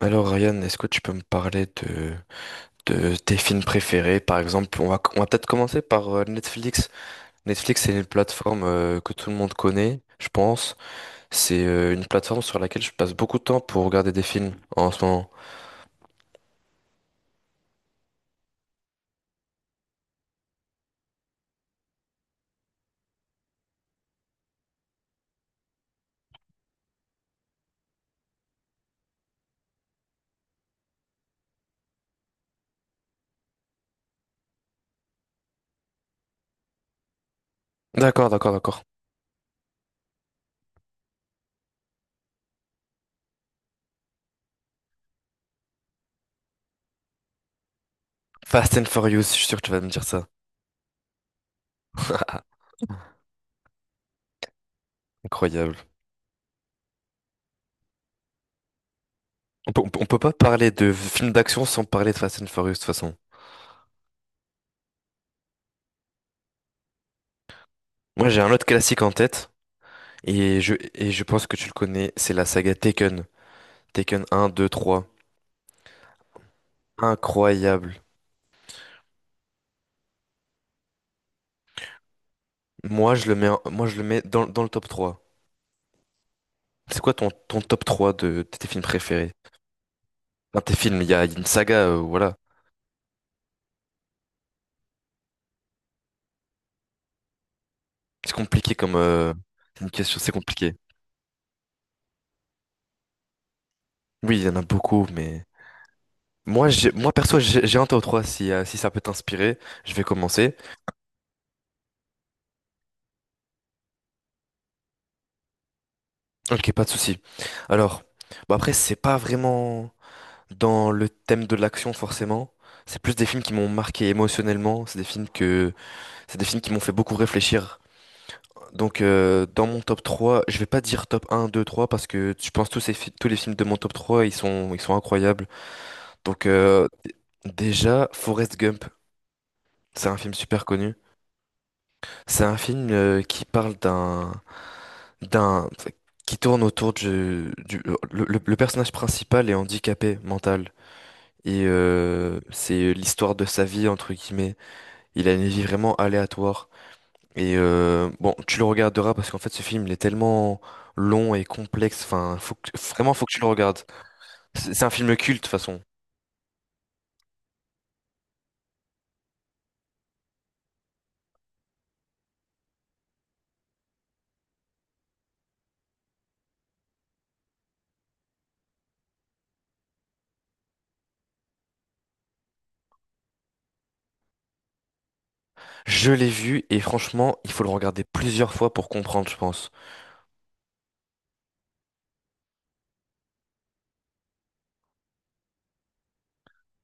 Alors Ryan, est-ce que tu peux me parler de tes films préférés? Par exemple, on va peut-être commencer par Netflix. Netflix, c'est une plateforme que tout le monde connaît, je pense. C'est une plateforme sur laquelle je passe beaucoup de temps pour regarder des films en ce moment. D'accord, d'accord, d'accord. Fast and Furious, je suis sûr que tu vas me dire ça. Incroyable. On peut pas parler de films d'action sans parler de Fast and Furious de toute façon. Moi, j'ai un autre classique en tête et je pense que tu le connais, c'est la saga Taken. Taken un, 2, 3. Incroyable. Moi, je le mets dans le top 3. C'est quoi ton top 3 de tes films préférés? Enfin, tes films, il y a une saga, voilà. C'est compliqué c'est une question, c'est compliqué. Oui, il y en a beaucoup, mais. Moi, j'ai, moi perso, j'ai un top 3. Si ça peut t'inspirer, je vais commencer. Ok, pas de souci. Alors, bah après, c'est pas vraiment dans le thème de l'action, forcément. C'est plus des films qui m'ont marqué émotionnellement. C'est des films qui m'ont fait beaucoup réfléchir. Donc dans mon top 3 je vais pas dire top un 2 3 parce que je pense tous, tous les films de mon top 3 ils sont incroyables. Donc, déjà, Forrest Gump, c'est un film super connu. C'est un film qui parle d'un, qui tourne autour du le personnage principal est handicapé mental. Et c'est l'histoire de sa vie, entre guillemets. Il a une vie vraiment aléatoire. Et bon, tu le regarderas parce qu'en fait, ce film, il est tellement long et complexe. Enfin, vraiment, faut que tu le regardes. C'est un film culte, de toute façon. Je l'ai vu et franchement, il faut le regarder plusieurs fois pour comprendre, je pense.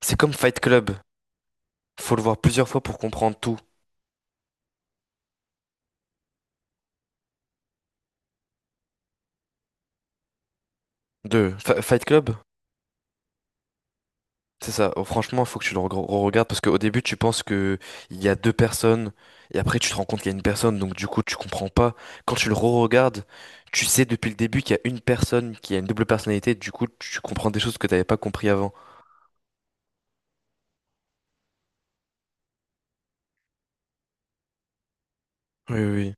C'est comme Fight Club. Faut le voir plusieurs fois pour comprendre tout. Fight Club, c'est ça. Oh, franchement, faut que tu le re-regardes parce qu'au début, tu penses que il y a deux personnes et après, tu te rends compte qu'il y a une personne. Donc, du coup, tu comprends pas. Quand tu le re-regardes, tu sais depuis le début qu'il y a une personne qui a une double personnalité. Du coup, tu comprends des choses que t'avais pas compris avant. Oui, oui, oui.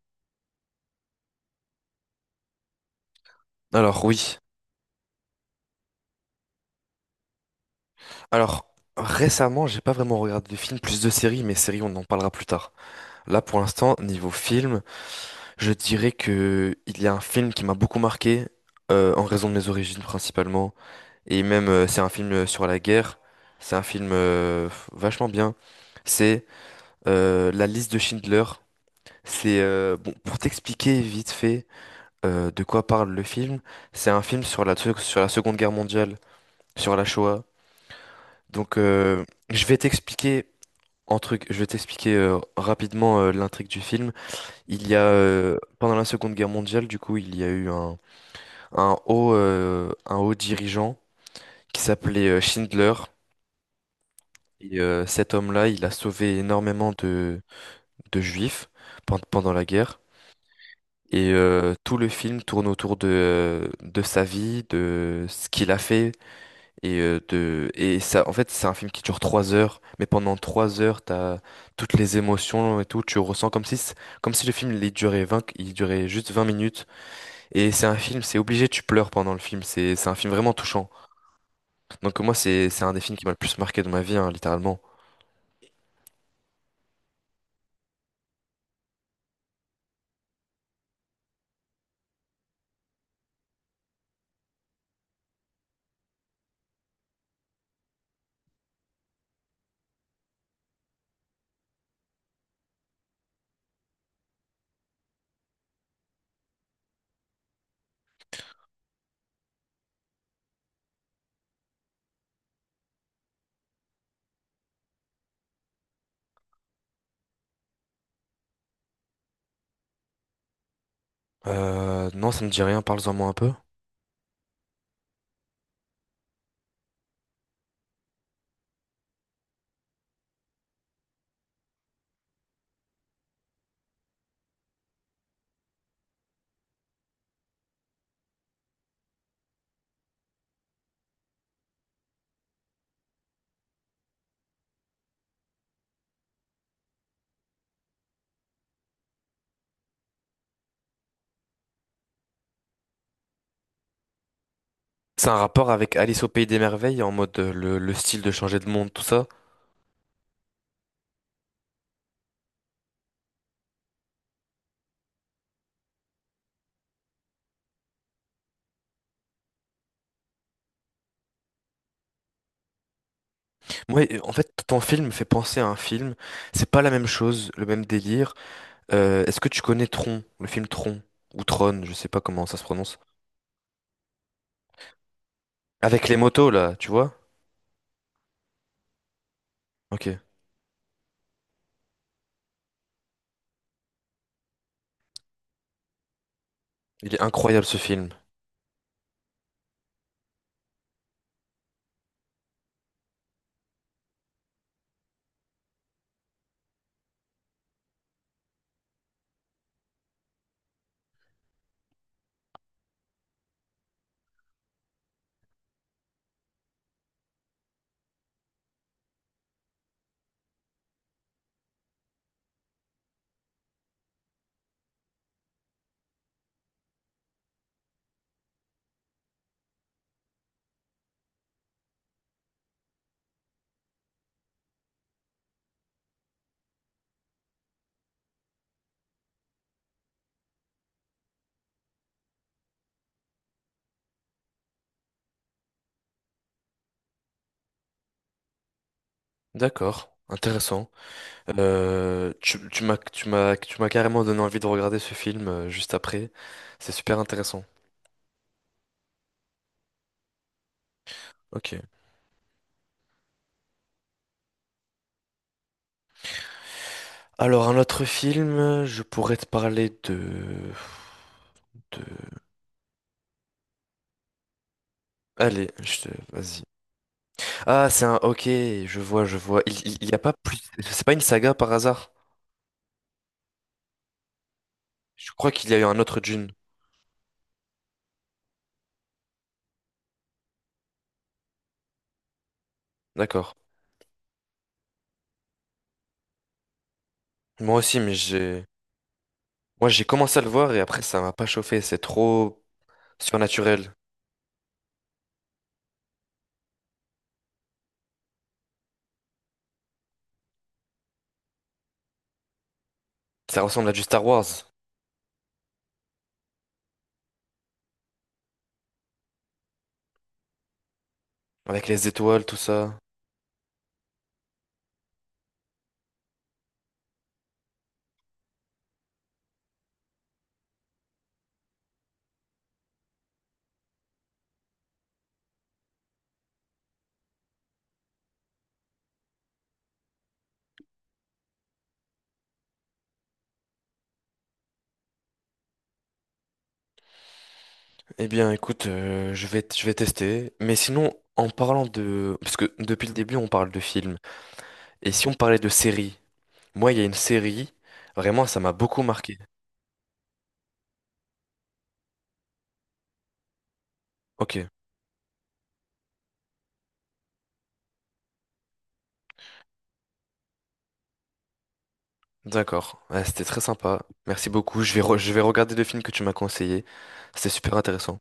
Alors, oui. Alors, récemment, j'ai pas vraiment regardé de films, plus de séries, mais séries, on en parlera plus tard. Là, pour l'instant, niveau film, je dirais que il y a un film qui m'a beaucoup marqué en raison de mes origines principalement. Et même, c'est un film sur la guerre. C'est un film vachement bien. C'est La liste de Schindler. C'est bon, pour t'expliquer vite fait de quoi parle le film. C'est un film sur la Seconde Guerre mondiale, sur la Shoah. Donc, je vais t'expliquer rapidement l'intrigue du film. Il y a pendant la Seconde Guerre mondiale, du coup, il y a eu un haut dirigeant qui s'appelait Schindler. Et cet homme-là, il a sauvé énormément de juifs pendant la guerre. Et tout le film tourne autour de sa vie, de ce qu'il a fait. Et ça, en fait, c'est un film qui dure 3 heures. Mais pendant 3 heures, t'as toutes les émotions et tout. Tu ressens comme si, comme si le film il durait juste 20 minutes. Et c'est un film, c'est obligé, tu pleures pendant le film. C'est un film vraiment touchant. Donc moi, c'est un des films qui m'a le plus marqué de ma vie, hein, littéralement. Non, ça me dit rien. Parle-en moi un peu. C'est un rapport avec Alice au Pays des Merveilles, en mode le style de changer de monde, tout ça. Moi, en fait, ton film me fait penser à un film. C'est pas la même chose, le même délire. Est-ce que tu connais Tron, le film Tron, ou Tron, je sais pas comment ça se prononce. Avec les motos, là, tu vois? Ok. Il est incroyable, ce film. D'accord. Intéressant. Tu m'as carrément donné envie de regarder ce film juste après. C'est super intéressant. Ok. Alors, un autre film, je pourrais te parler de. Allez, vas-y. Ok, je vois, je vois. Il y a pas plus. C'est pas une saga par hasard? Je crois qu'il y a eu un autre Dune. D'accord. Moi aussi, mais j'ai. Moi, j'ai commencé à le voir et après, ça m'a pas chauffé. C'est trop surnaturel. Ça ressemble à du Star Wars. Avec les étoiles, tout ça. Eh bien, écoute, je vais tester. Mais sinon, parce que depuis le début, on parle de films. Et si on parlait de séries? Moi, il y a une série. Vraiment, ça m'a beaucoup marqué. Ok. D'accord, ouais, c'était très sympa. Merci beaucoup. Je vais regarder le film que tu m'as conseillé. C'était super intéressant.